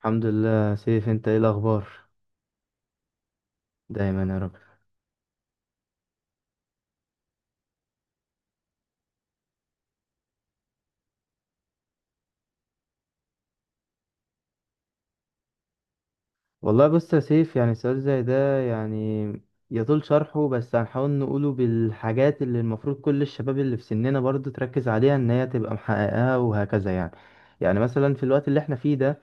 الحمد لله يا سيف، انت ايه الاخبار؟ دايما يا رب. والله بص يا سيف، يعني سؤال زي ده يعني يطول شرحه، بس هنحاول نقوله بالحاجات اللي المفروض كل الشباب اللي في سننا برضو تركز عليها ان هي تبقى محققاها وهكذا يعني. يعني مثلا في الوقت اللي احنا فيه ده،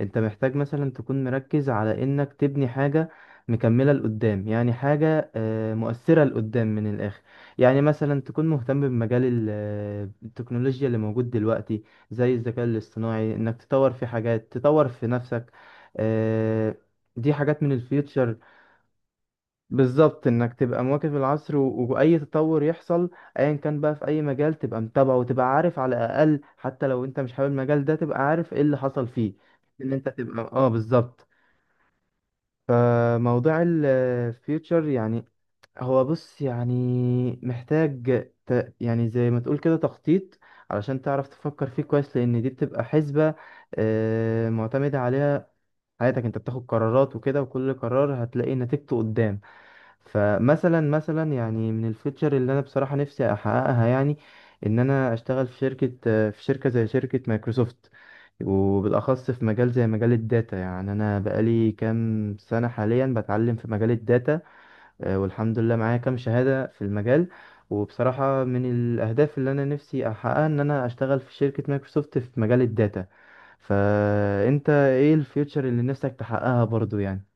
انت محتاج مثلا تكون مركز على انك تبني حاجة مكملة لقدام، يعني حاجة مؤثرة لقدام من الآخر. يعني مثلا تكون مهتم بمجال التكنولوجيا اللي موجود دلوقتي، زي الذكاء الاصطناعي، انك تطور في حاجات، تطور في نفسك. آه، دي حاجات من الفيوتشر. بالظبط، انك تبقى مواكب العصر واي تطور يحصل ايا كان بقى في اي مجال، تبقى متابعه وتبقى عارف على الاقل، حتى لو انت مش حابب المجال ده تبقى عارف ايه اللي حصل فيه. ان انت تبقى اه، بالظبط. فموضوع الفيوتشر يعني، هو بص يعني، محتاج يعني زي ما تقول كده تخطيط، علشان تعرف تفكر فيه كويس، لان دي بتبقى حسبة معتمدة عليها حياتك. انت بتاخد قرارات وكده، وكل قرار هتلاقي نتيجته قدام. فمثلا يعني من الفيتشر اللي انا بصراحه نفسي احققها، يعني ان انا اشتغل في شركه زي شركه مايكروسوفت، وبالاخص في مجال زي مجال الداتا. يعني انا بقالي كام سنه حاليا بتعلم في مجال الداتا. والحمد لله معايا كام شهاده في المجال. وبصراحه من الاهداف اللي انا نفسي احققها ان انا اشتغل في شركه مايكروسوفت في مجال الداتا. فانت ايه الفيوتشر اللي نفسك تحققها برضو يعني؟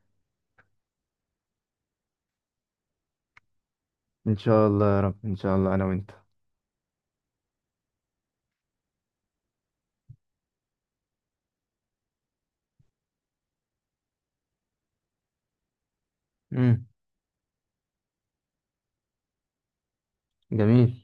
ان شاء الله يا رب، ان شاء الله انا وانت. جميل.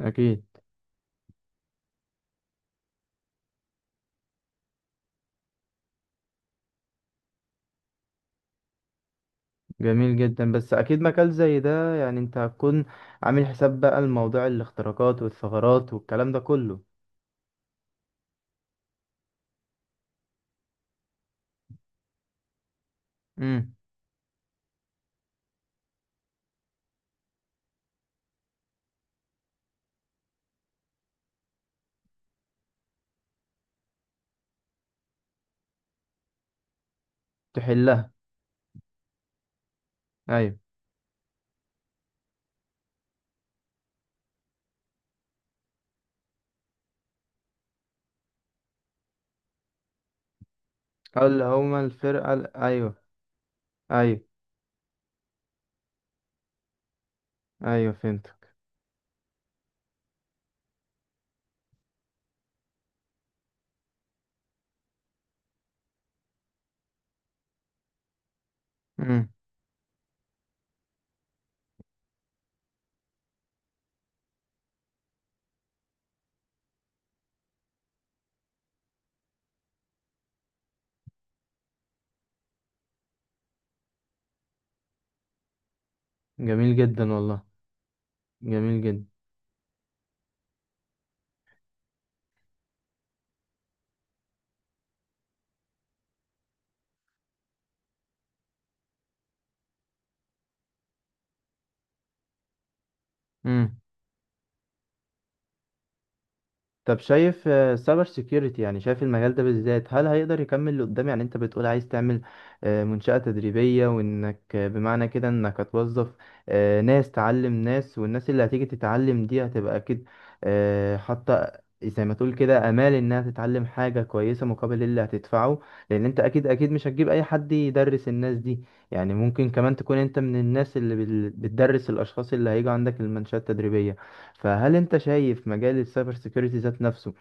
اكيد. جميل جدا، بس اكيد مجال زي ده يعني انت هتكون عامل حساب بقى، الموضوع الاختراقات والثغرات والكلام ده كله. امم. تحلها. ايوه. اللي هما الفرقه ايوه. ايوه. ايوه، فهمتك. امم. جميل جدا والله. جميل جدا. طب شايف، سايبر سيكيورتي، يعني شايف المجال ده بالذات هل هيقدر يكمل لقدام؟ يعني انت بتقول عايز تعمل منشأة تدريبية، وانك بمعنى كده انك هتوظف ناس تعلم ناس، والناس اللي هتيجي تتعلم دي هتبقى اكيد حاطة زي ما تقول كده امال انها تتعلم حاجة كويسة مقابل اللي هتدفعه، لان انت اكيد اكيد مش هتجيب اي حد يدرس الناس دي. يعني ممكن كمان تكون انت من الناس اللي بتدرس الاشخاص اللي هيجوا عندك المنشأة التدريبية. فهل انت شايف مجال السايبر سيكيورتي ذات نفسه،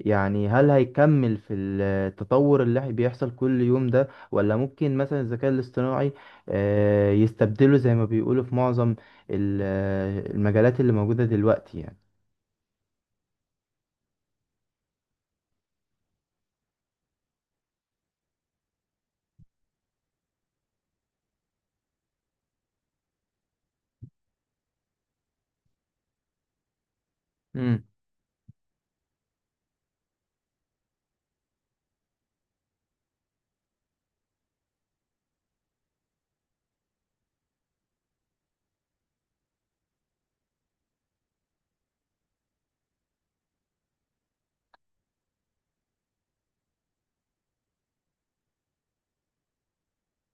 يعني هل هيكمل في التطور اللي بيحصل كل يوم ده، ولا ممكن مثلا الذكاء الاصطناعي يستبدله زي ما بيقولوا في معظم المجالات اللي موجودة دلوقتي يعني؟ امم.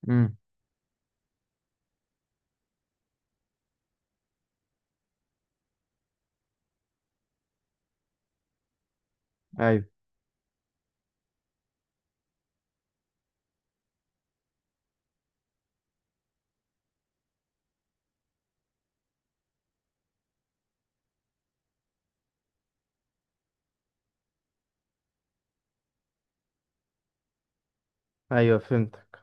امم. ايوه. ايوه، فهمتك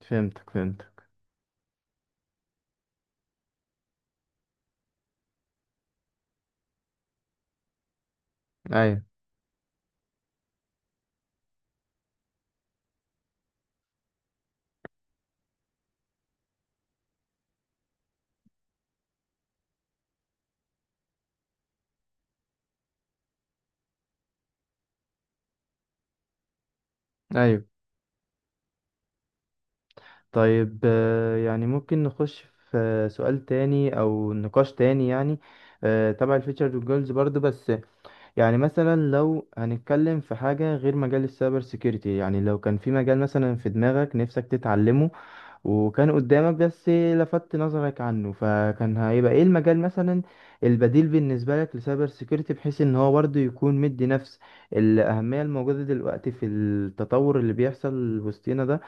فهمتك فهمتك. ايوه. ايوه. طيب، يعني ممكن نخش في سؤال تاني او نقاش تاني، يعني تبع الفيتشر والجولز برضو، بس يعني مثلا لو هنتكلم في حاجة غير مجال السايبر سيكيورتي، يعني لو كان في مجال مثلا في دماغك نفسك تتعلمه، وكان قدامك بس لفت نظرك عنه، فكان هيبقى ايه المجال مثلا البديل بالنسبة لك لسايبر سيكيورتي، بحيث ان هو برضه يكون مدي نفس الأهمية الموجودة دلوقتي في التطور اللي بيحصل وسطينا ده.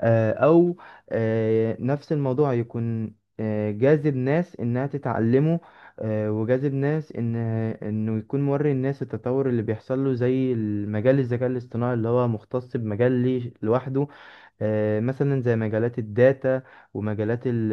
او نفس الموضوع يكون جاذب ناس انها تتعلمه، وجاذب ناس ان انه يكون موري الناس التطور اللي بيحصل له، زي المجال الذكاء الاصطناعي اللي هو مختص بمجال ليه لوحده. مثلا زي مجالات الداتا ومجالات ال-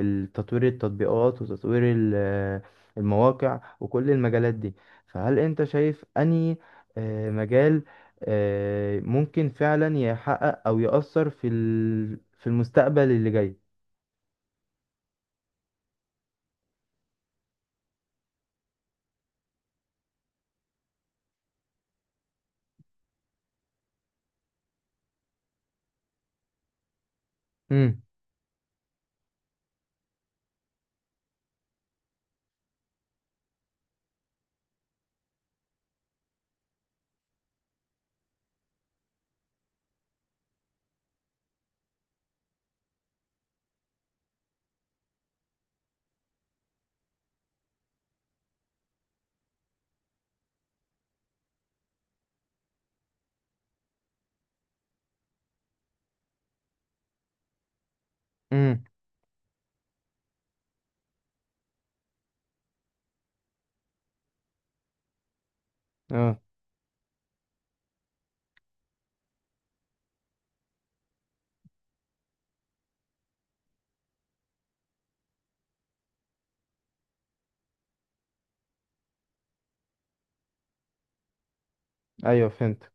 ال- تطوير التطبيقات، وتطوير المواقع، وكل المجالات دي. فهل انت شايف انهي مجال ممكن فعلا يحقق او يأثر في في المستقبل اللي جاي؟ امم. امم. اه. ايوه فهمت.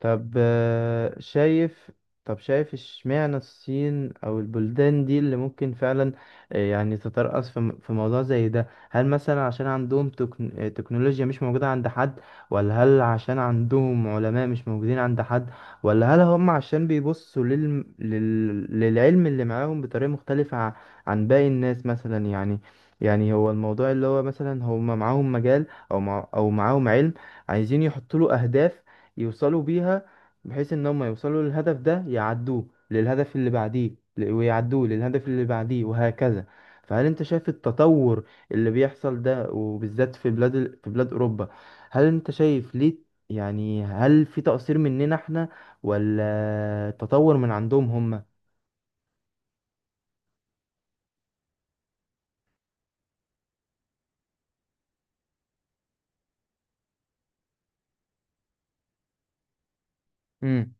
طب شايف، اشمعنى الصين او البلدان دي اللي ممكن فعلا يعني تترأس في في موضوع زي ده؟ هل مثلا عشان عندهم تكنولوجيا مش موجودة عند حد؟ ولا هل عشان عندهم علماء مش موجودين عند حد؟ ولا هل هم عشان بيبصوا للعلم اللي معاهم بطريقة مختلفة عن باقي الناس مثلا؟ يعني، يعني هو الموضوع اللي هو مثلا هم معاهم مجال او معاهم علم عايزين يحطوا له اهداف يوصلوا بيها، بحيث ان هم يوصلوا للهدف ده، يعدوه للهدف اللي بعديه، ويعدوه للهدف اللي بعديه وهكذا. فهل انت شايف التطور اللي بيحصل ده، وبالذات في بلاد في بلاد اوروبا؟ هل انت شايف ليه؟ يعني هل في تقصير مننا احنا، ولا تطور من عندهم هم؟ امم.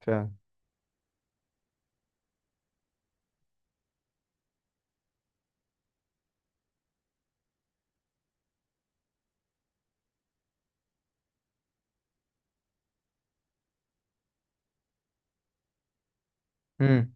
فعلا. امم.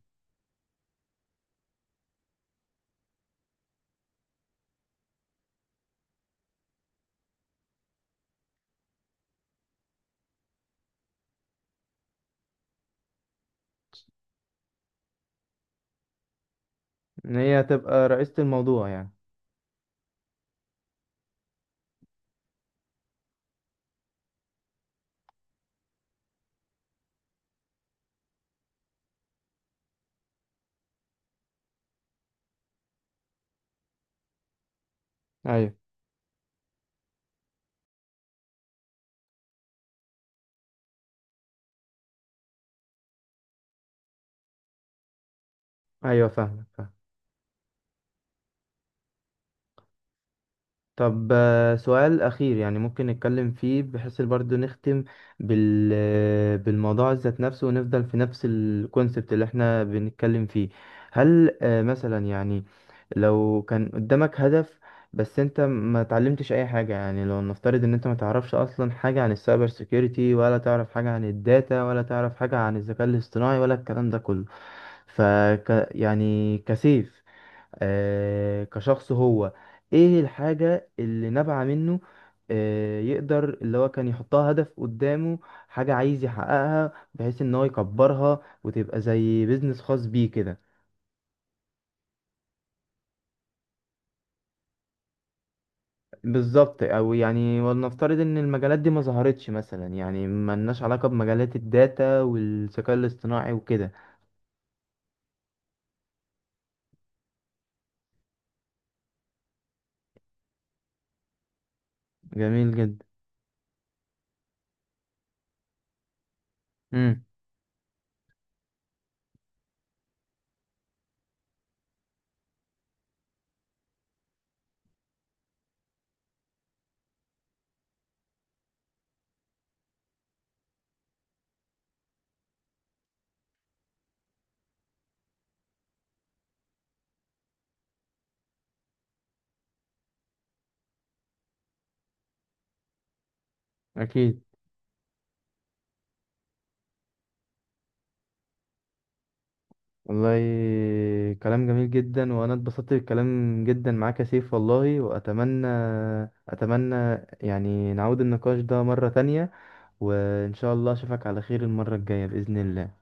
ان هي تبقى رئيسة الموضوع يعني؟ ايوه. ايوه فاهمك فاهمك. طب سؤال أخير يعني ممكن نتكلم فيه، بحيث برضه نختم بالموضوع ذات نفسه، ونفضل في نفس الكونسبت اللي احنا بنتكلم فيه. هل مثلا يعني لو كان قدامك هدف، بس انت ما تعلمتش اي حاجة، يعني لو نفترض ان انت ما تعرفش اصلا حاجة عن السايبر سيكيورتي، ولا تعرف حاجة عن الداتا، ولا تعرف حاجة عن الذكاء الاصطناعي، ولا الكلام ده كله، ف يعني كسيف، كشخص، هو ايه الحاجة اللي نابعة منه، يقدر اللي هو كان يحطها هدف قدامه، حاجة عايز يحققها بحيث ان هو يكبرها وتبقى زي بيزنس خاص بيه كده؟ بالظبط. او يعني ولنفترض ان المجالات دي ما ظهرتش مثلا، يعني ما لناش علاقة بمجالات الداتا والذكاء الاصطناعي وكده. جميل جدا. امم. اكيد. والله كلام جميل جدا، وانا اتبسطت بالكلام جدا معاك يا سيف والله. واتمنى، اتمنى يعني نعود النقاش ده مرة تانية، وان شاء الله اشوفك على خير المرة الجاية بإذن الله.